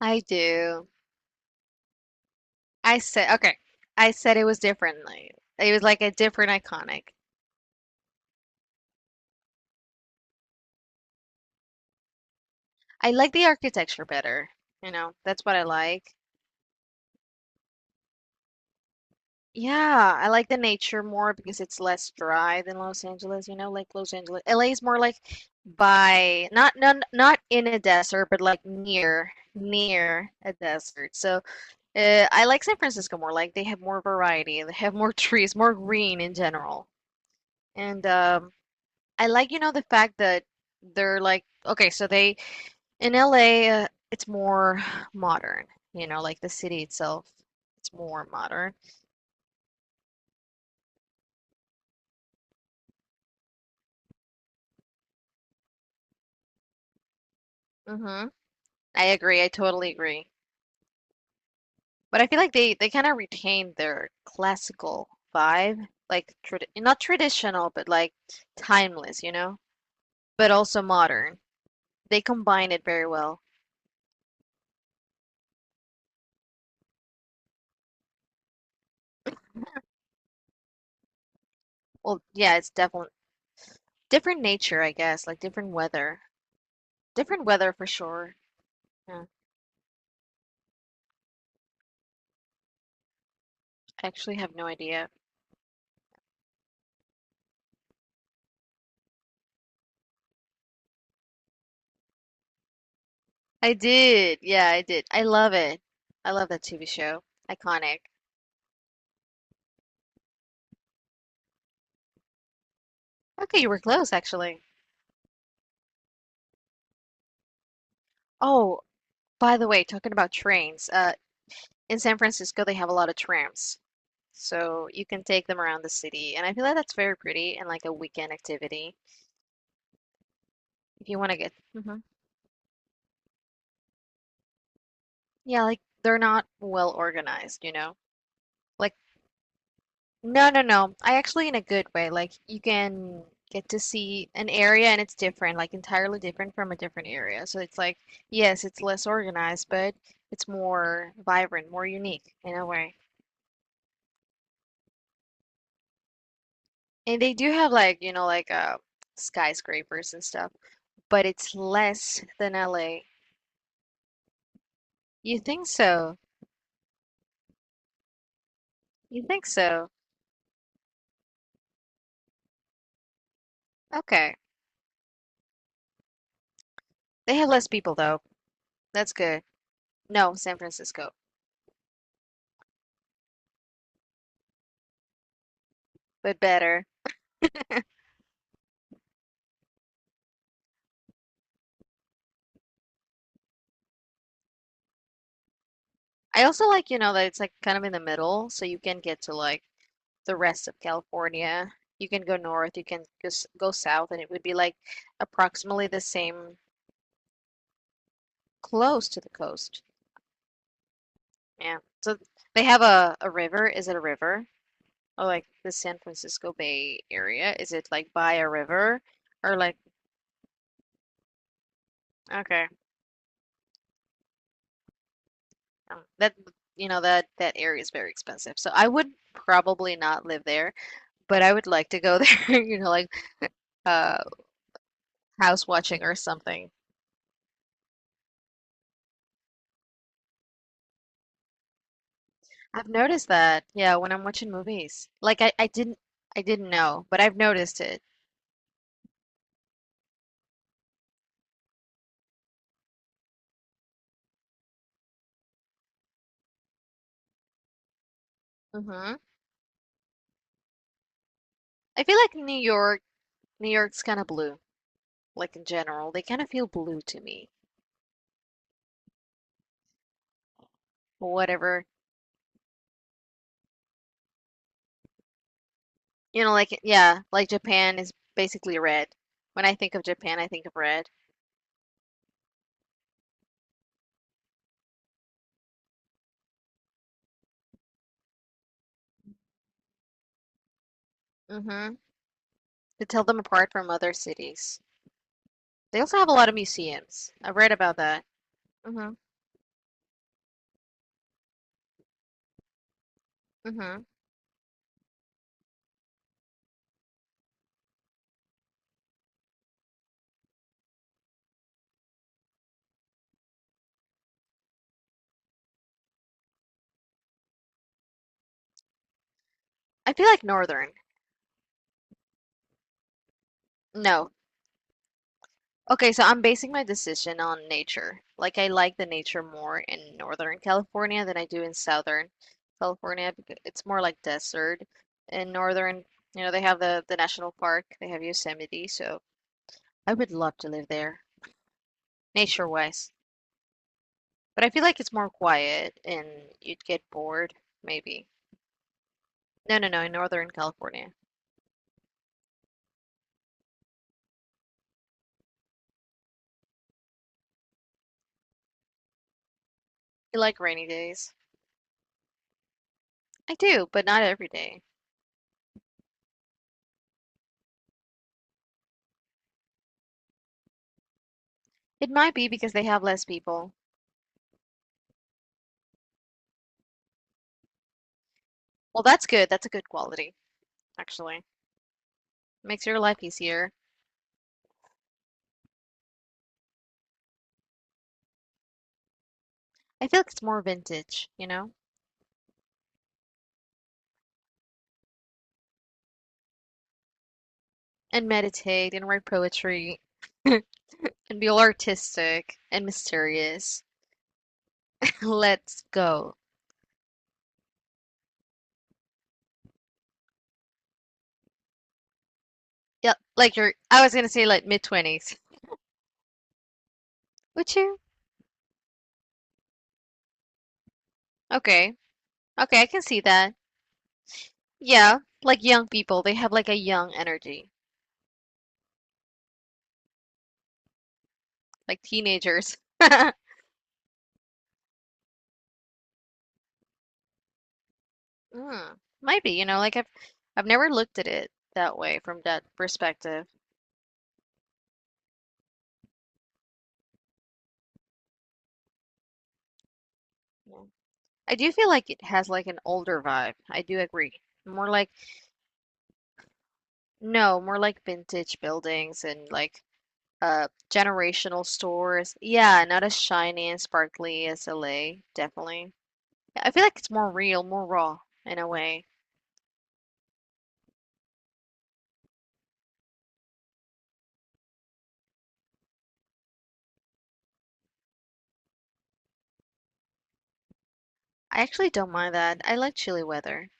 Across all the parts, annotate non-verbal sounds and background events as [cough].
I do. I said, okay. I said it was differently. It was like a different iconic. I like the architecture better. You know, that's what I like. Yeah, I like the nature more because it's less dry than Los Angeles, you know, like Los Angeles. LA is more like by not in a desert, but like near a desert. So, I like San Francisco more. Like they have more variety, they have more [laughs] trees, more green in general. And I like, you know, the fact that they're like, okay, so they in LA, it's more [sighs] modern, you know, like the city itself, it's more modern. Hmm. I agree. I totally agree. But I feel like they kind of retained their classical vibe, like trad not traditional, but like timeless, you know, but also modern. They combine it very well. Well, yeah, it's definitely different nature, I guess, like different weather for sure. Yeah, I actually have no idea. I did. Yeah, I did. I love it. I love that TV show. Iconic. Okay, you were close actually. Oh, by the way, talking about trains, in San Francisco they have a lot of trams. So you can take them around the city, and I feel like that's very pretty and like a weekend activity if you want to get. Hmm. Yeah, like they're not well organized, you know? Like no, no, no. I actually in a good way. Like you can get to see an area and it's different, like entirely different from a different area. So it's like, yes, it's less organized, but it's more vibrant, more unique in a way. And they do have like, you know, like skyscrapers and stuff, but it's less than LA. You think so? You think so? Okay. They have less people though. That's good. No, San Francisco, but better. I also like, you know, that it's like kind of in the middle, so you can get to like the rest of California. You can go north, you can just go south, and it would be like approximately the same close to the coast. Yeah. So they have a river. Is it a river? Or like the San Francisco Bay Area? Is it like by a river? Or like, okay. That, you know, that area is very expensive. So I would probably not live there, but I would like to go there, [laughs] you know, like uh house watching or something. I've noticed that. Yeah, when I'm watching movies. Like I didn't I didn't know, but I've noticed it. Hmm. I feel like New York, New York's kind of blue, like in general. They kind of feel blue to me. Whatever. You know, like yeah, like Japan is basically red. When I think of Japan, I think of red. Hmm. To tell them apart from other cities. They also have a lot of museums. I've read about that. Hmm. Hmm. I feel like northern. No, okay, so I'm basing my decision on nature. Like I like the nature more in Northern California than I do in Southern California because it's more like desert. In Northern, you know, they have the national park, they have Yosemite, so I would love to live there, nature-wise. But I feel like it's more quiet and you'd get bored, maybe. No, no, no, in Northern California. You like rainy days. I do, but not every day. It might be because they have less people. Well, that's good. That's a good quality, actually. Makes your life easier. I feel like it's more vintage, you know? And meditate and write poetry [laughs] and be all artistic and mysterious. [laughs] Let's go. Yep, like you're, I was gonna say like mid 20s. Would you? Okay. Okay, I can see that. Yeah, like young people, they have like a young energy, like teenagers. [laughs] Mm, might be, you know, like I've never looked at it that way from that perspective. Yeah. I do feel like it has like an older vibe. I do agree. More like no, more like vintage buildings and like generational stores. Yeah, not as shiny and sparkly as LA, definitely. Yeah, I feel like it's more real, more raw in a way. I actually don't mind that. I like chilly weather.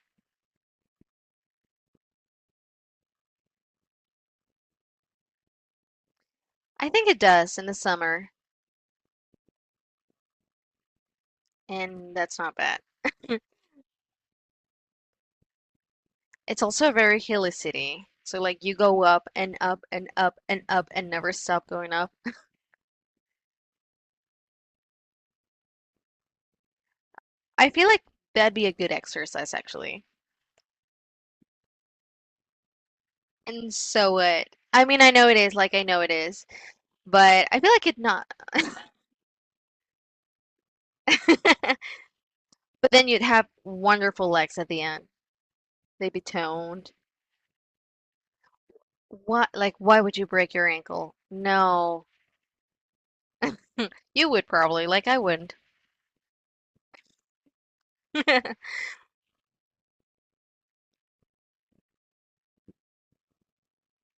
I think it does in the summer, and that's not bad. It's also a very hilly city. So like you go up and up and up and up and never stop going up. I feel like that'd be a good exercise actually. And so it. I mean, I know it is, like I know it is, but I feel like it not. [laughs] But then you'd have wonderful legs at the end. They'd be toned. What, like, why would you break your ankle? No, you would probably, like, I wouldn't. [laughs]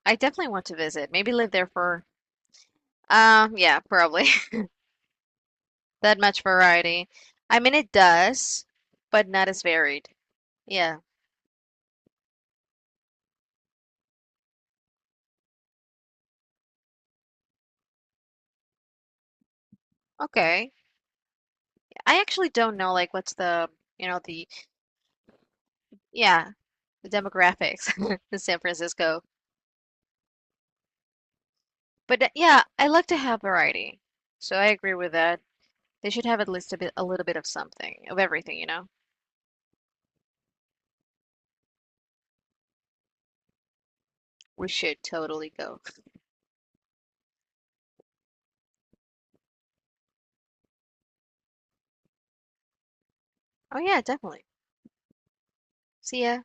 I definitely want to visit. Maybe live there for, yeah, probably [laughs] that much variety. I mean, it does, but not as varied. Yeah, okay. I actually don't know, like, what's the, you know, the, yeah, the demographics [laughs] in San Francisco. But yeah, I like to have variety. So I agree with that. They should have at least a little bit of something, of everything, you know? We should totally go. Oh yeah, definitely. See ya.